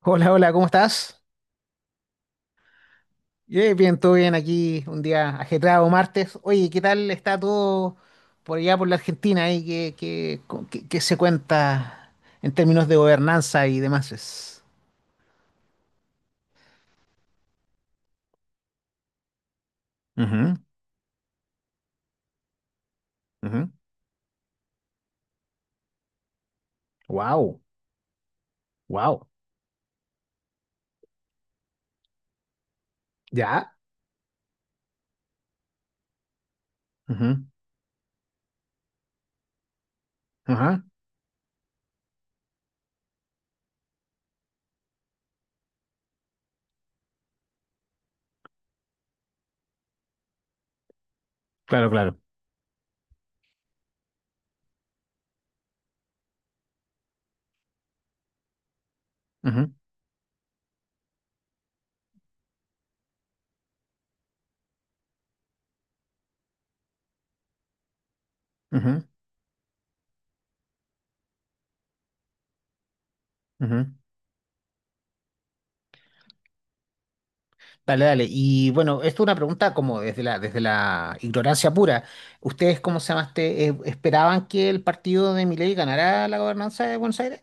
Hola, hola, ¿cómo estás? Bien, todo bien aquí, un día ajetreado, martes. Oye, ¿qué tal está todo por allá, por la Argentina? Ahí? ¿Qué se cuenta en términos de gobernanza y demás? Es? Wow, wow. ¿Ya? Ujú, ajá. Claro, claro. Ujú, ujú, ujú. Dale, dale. Y bueno, esto es una pregunta como desde la ignorancia pura. ¿Ustedes, cómo se llamaste, esperaban que el partido de Milei ganara la gobernanza de Buenos Aires?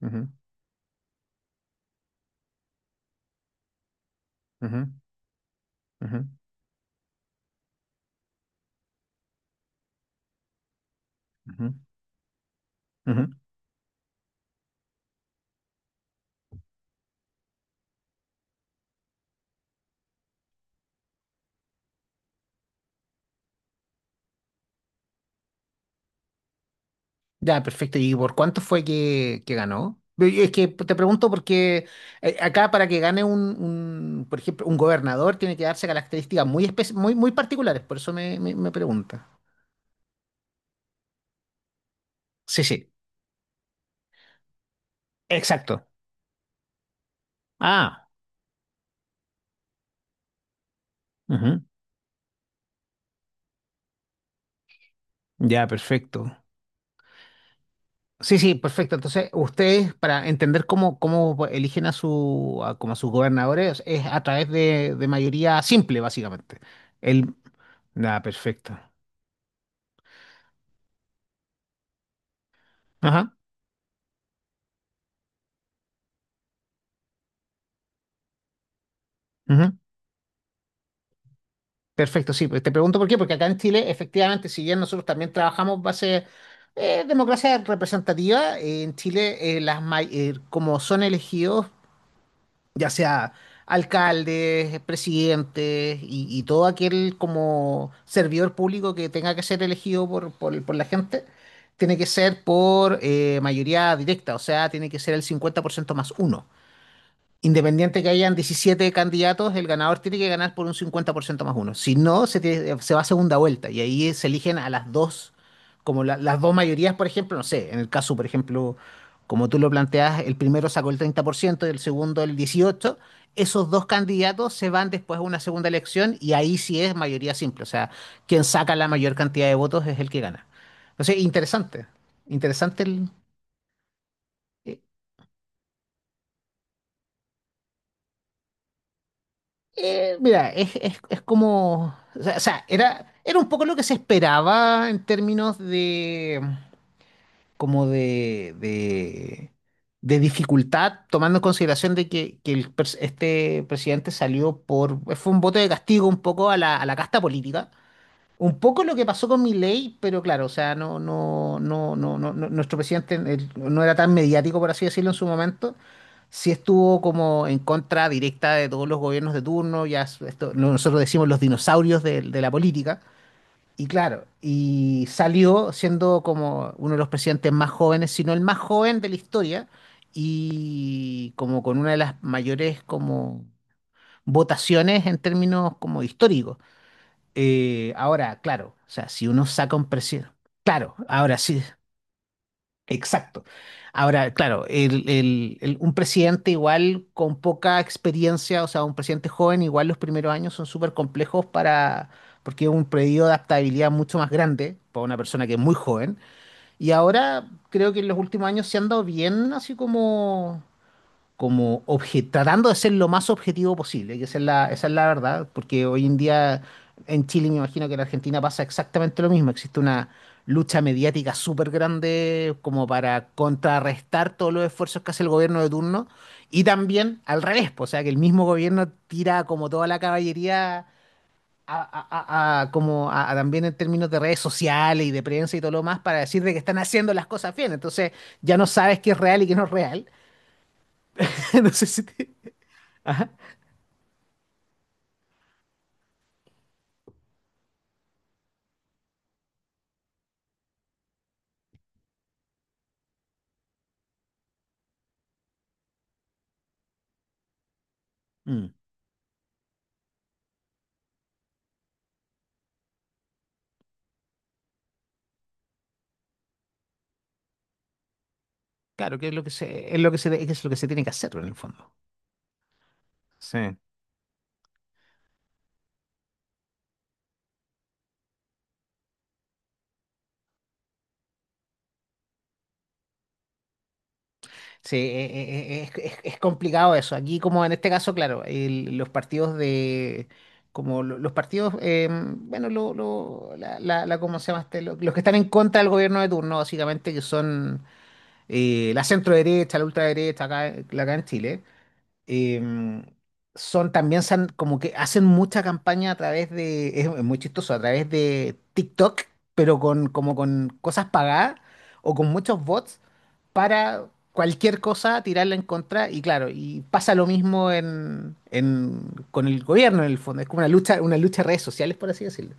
Ujú, ujú, ujú, ujú, ujú. Ya, perfecto. ¿Y por cuánto fue que ganó? Es que te pregunto porque acá para que gane un, por ejemplo, un gobernador tiene que darse características muy particulares, por eso me pregunta. Sí, sí, exacto. Ah, ujú. Ya, perfecto. Sí, sí, perfecto. Entonces, ustedes, para entender cómo eligen a sus gobernadores, es a través de mayoría simple, básicamente. El, nada, perfecto. Ajá, ujú. Perfecto, sí, pues te pregunto por qué, porque acá en Chile, efectivamente, si bien nosotros también trabajamos base democracia representativa, en Chile, como son elegidos, ya sea alcaldes, presidentes y todo aquel como servidor público que tenga que ser elegido por la gente, tiene que ser por mayoría directa, o sea, tiene que ser el 50% más uno. Independiente que hayan 17 candidatos, el ganador tiene que ganar por un 50% más uno. Si no, se va a segunda vuelta y ahí se eligen a las dos, las dos mayorías, por ejemplo, no sé, en el caso, por ejemplo, como tú lo planteas, el primero sacó el 30% y el segundo el 18%. Esos dos candidatos se van después a una segunda elección y ahí sí es mayoría simple. O sea, quien saca la mayor cantidad de votos es el que gana. Entonces, interesante, interesante eh, mira, es como, o sea, era un poco lo que se esperaba en términos como de, de, de dificultad, tomando en consideración de que el este presidente salió fue un voto de castigo un poco a la casta política. Un poco lo que pasó con Milei, pero claro, o sea, nuestro presidente él no era tan mediático, por así decirlo, en su momento. Sí estuvo como en contra directa de todos los gobiernos de turno, esto, nosotros decimos los dinosaurios de la política. Y claro, y salió siendo como uno de los presidentes más jóvenes, si no el más joven de la historia, y como con una de las mayores como votaciones en términos como históricos. Ahora, claro, o sea, si uno saca un presidente, claro, ahora sí, exacto. Ahora, claro, un presidente igual con poca experiencia, o sea, un presidente joven, igual los primeros años son súper complejos para, porque es un periodo de adaptabilidad mucho más grande para una persona que es muy joven. Y ahora creo que en los últimos años se han dado bien, así tratando de ser lo más objetivo posible, que esa es la verdad, porque hoy en día en Chile me imagino que en Argentina pasa exactamente lo mismo, existe una lucha mediática súper grande como para contrarrestar todos los esfuerzos que hace el gobierno de turno y también al revés, pues, o sea que el mismo gobierno tira como toda la caballería. A también en términos de redes sociales y de prensa y todo lo más para decir de que están haciendo las cosas bien. Entonces ya no sabes qué es real y qué no es real. No sé si Mm. Claro, que es lo que se, es lo que se, es lo que se tiene que hacer en el fondo. Sí, sí, es complicado eso. Aquí, como en este caso, claro, los partidos de, los partidos, bueno, ¿cómo se llama este? Los, que están en contra del gobierno de turno, básicamente, que son la centro derecha, la ultraderecha, acá, acá en Chile, em, son también como que hacen mucha campaña a través de, es muy chistoso, a través de TikTok, pero como con cosas pagadas o con muchos bots para cualquier cosa tirarla en contra. Y claro, y pasa lo mismo en, con el gobierno en el fondo. Es como una lucha de redes sociales, por así decirlo.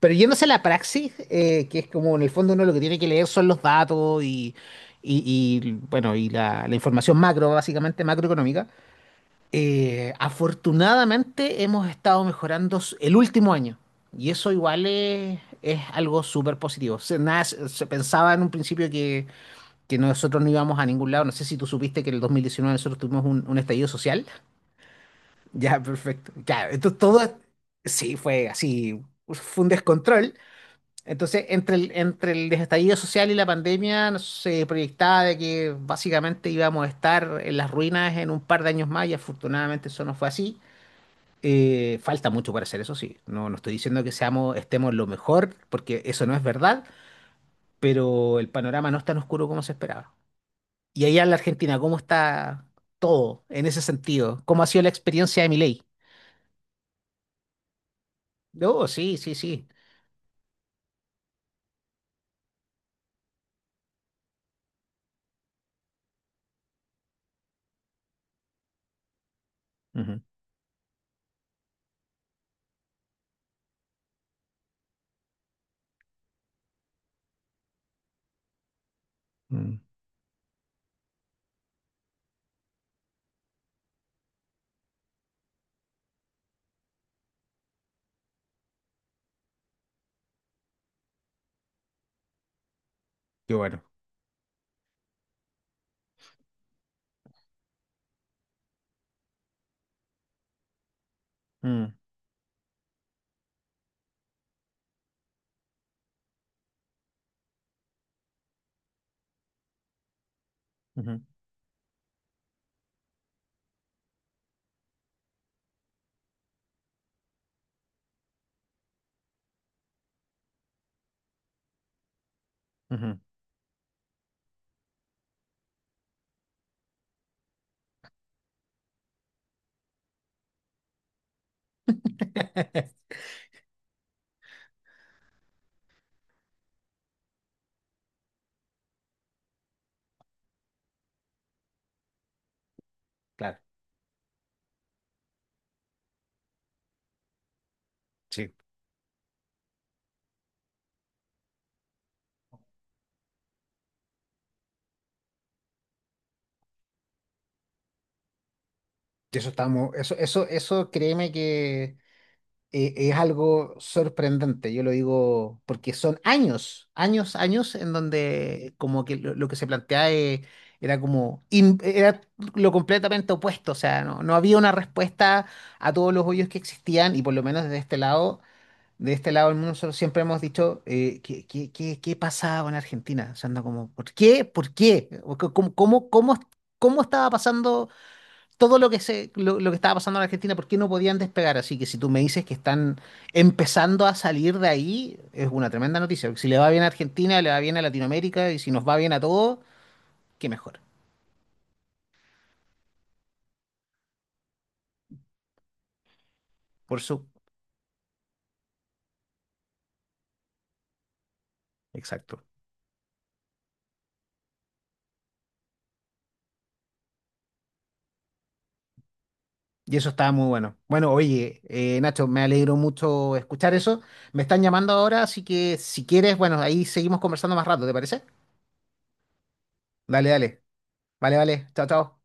Pero yéndose a la praxis, que es como en el fondo uno lo que tiene que leer son los datos y, bueno, y la información macro, básicamente macroeconómica. Afortunadamente hemos estado mejorando el último año y eso igual es algo súper positivo. Nada, se pensaba en un principio que nosotros no íbamos a ningún lado. No sé si tú supiste que en el 2019 nosotros tuvimos un estallido social. Ya, perfecto. Ya, entonces todo sí fue así, fue un descontrol. Entonces, entre el estallido social y la pandemia se proyectaba de que básicamente íbamos a estar en las ruinas en un par de años más y afortunadamente eso no fue así. Falta mucho para hacer eso, sí. No, no estoy diciendo que estemos lo mejor, porque eso no es verdad, pero el panorama no es tan oscuro como se esperaba. Y allá en la Argentina, ¿cómo está todo en ese sentido? ¿Cómo ha sido la experiencia de Milei? Oh, sí, sí, sí. Ujú, mm. Qué bueno. Mm, ujú, ujú. Claro, sí. Eso estamos, créeme que es algo sorprendente. Yo lo digo porque son años, años, años en donde como que lo que se plantea era lo completamente opuesto, o sea, no había una respuesta a todos los hoyos que existían y por lo menos de este lado del mundo nosotros siempre hemos dicho ¿qué pasaba en Argentina? O sea, anda como, ¿por qué? ¿Por qué? ¿Cómo, cómo, cómo, cómo estaba pasando? Todo lo que estaba pasando en Argentina, por qué no podían despegar. Así que si tú me dices que están empezando a salir de ahí, es una tremenda noticia. Porque si le va bien a Argentina, le va bien a Latinoamérica, y si nos va bien a todos, qué mejor. Por su, exacto. Y eso estaba muy bueno. Bueno, oye, Nacho, me alegro mucho escuchar eso. Me están llamando ahora, así que si quieres, bueno, ahí seguimos conversando más rato, ¿te parece? Dale, dale. Vale, vale. Chao, chao.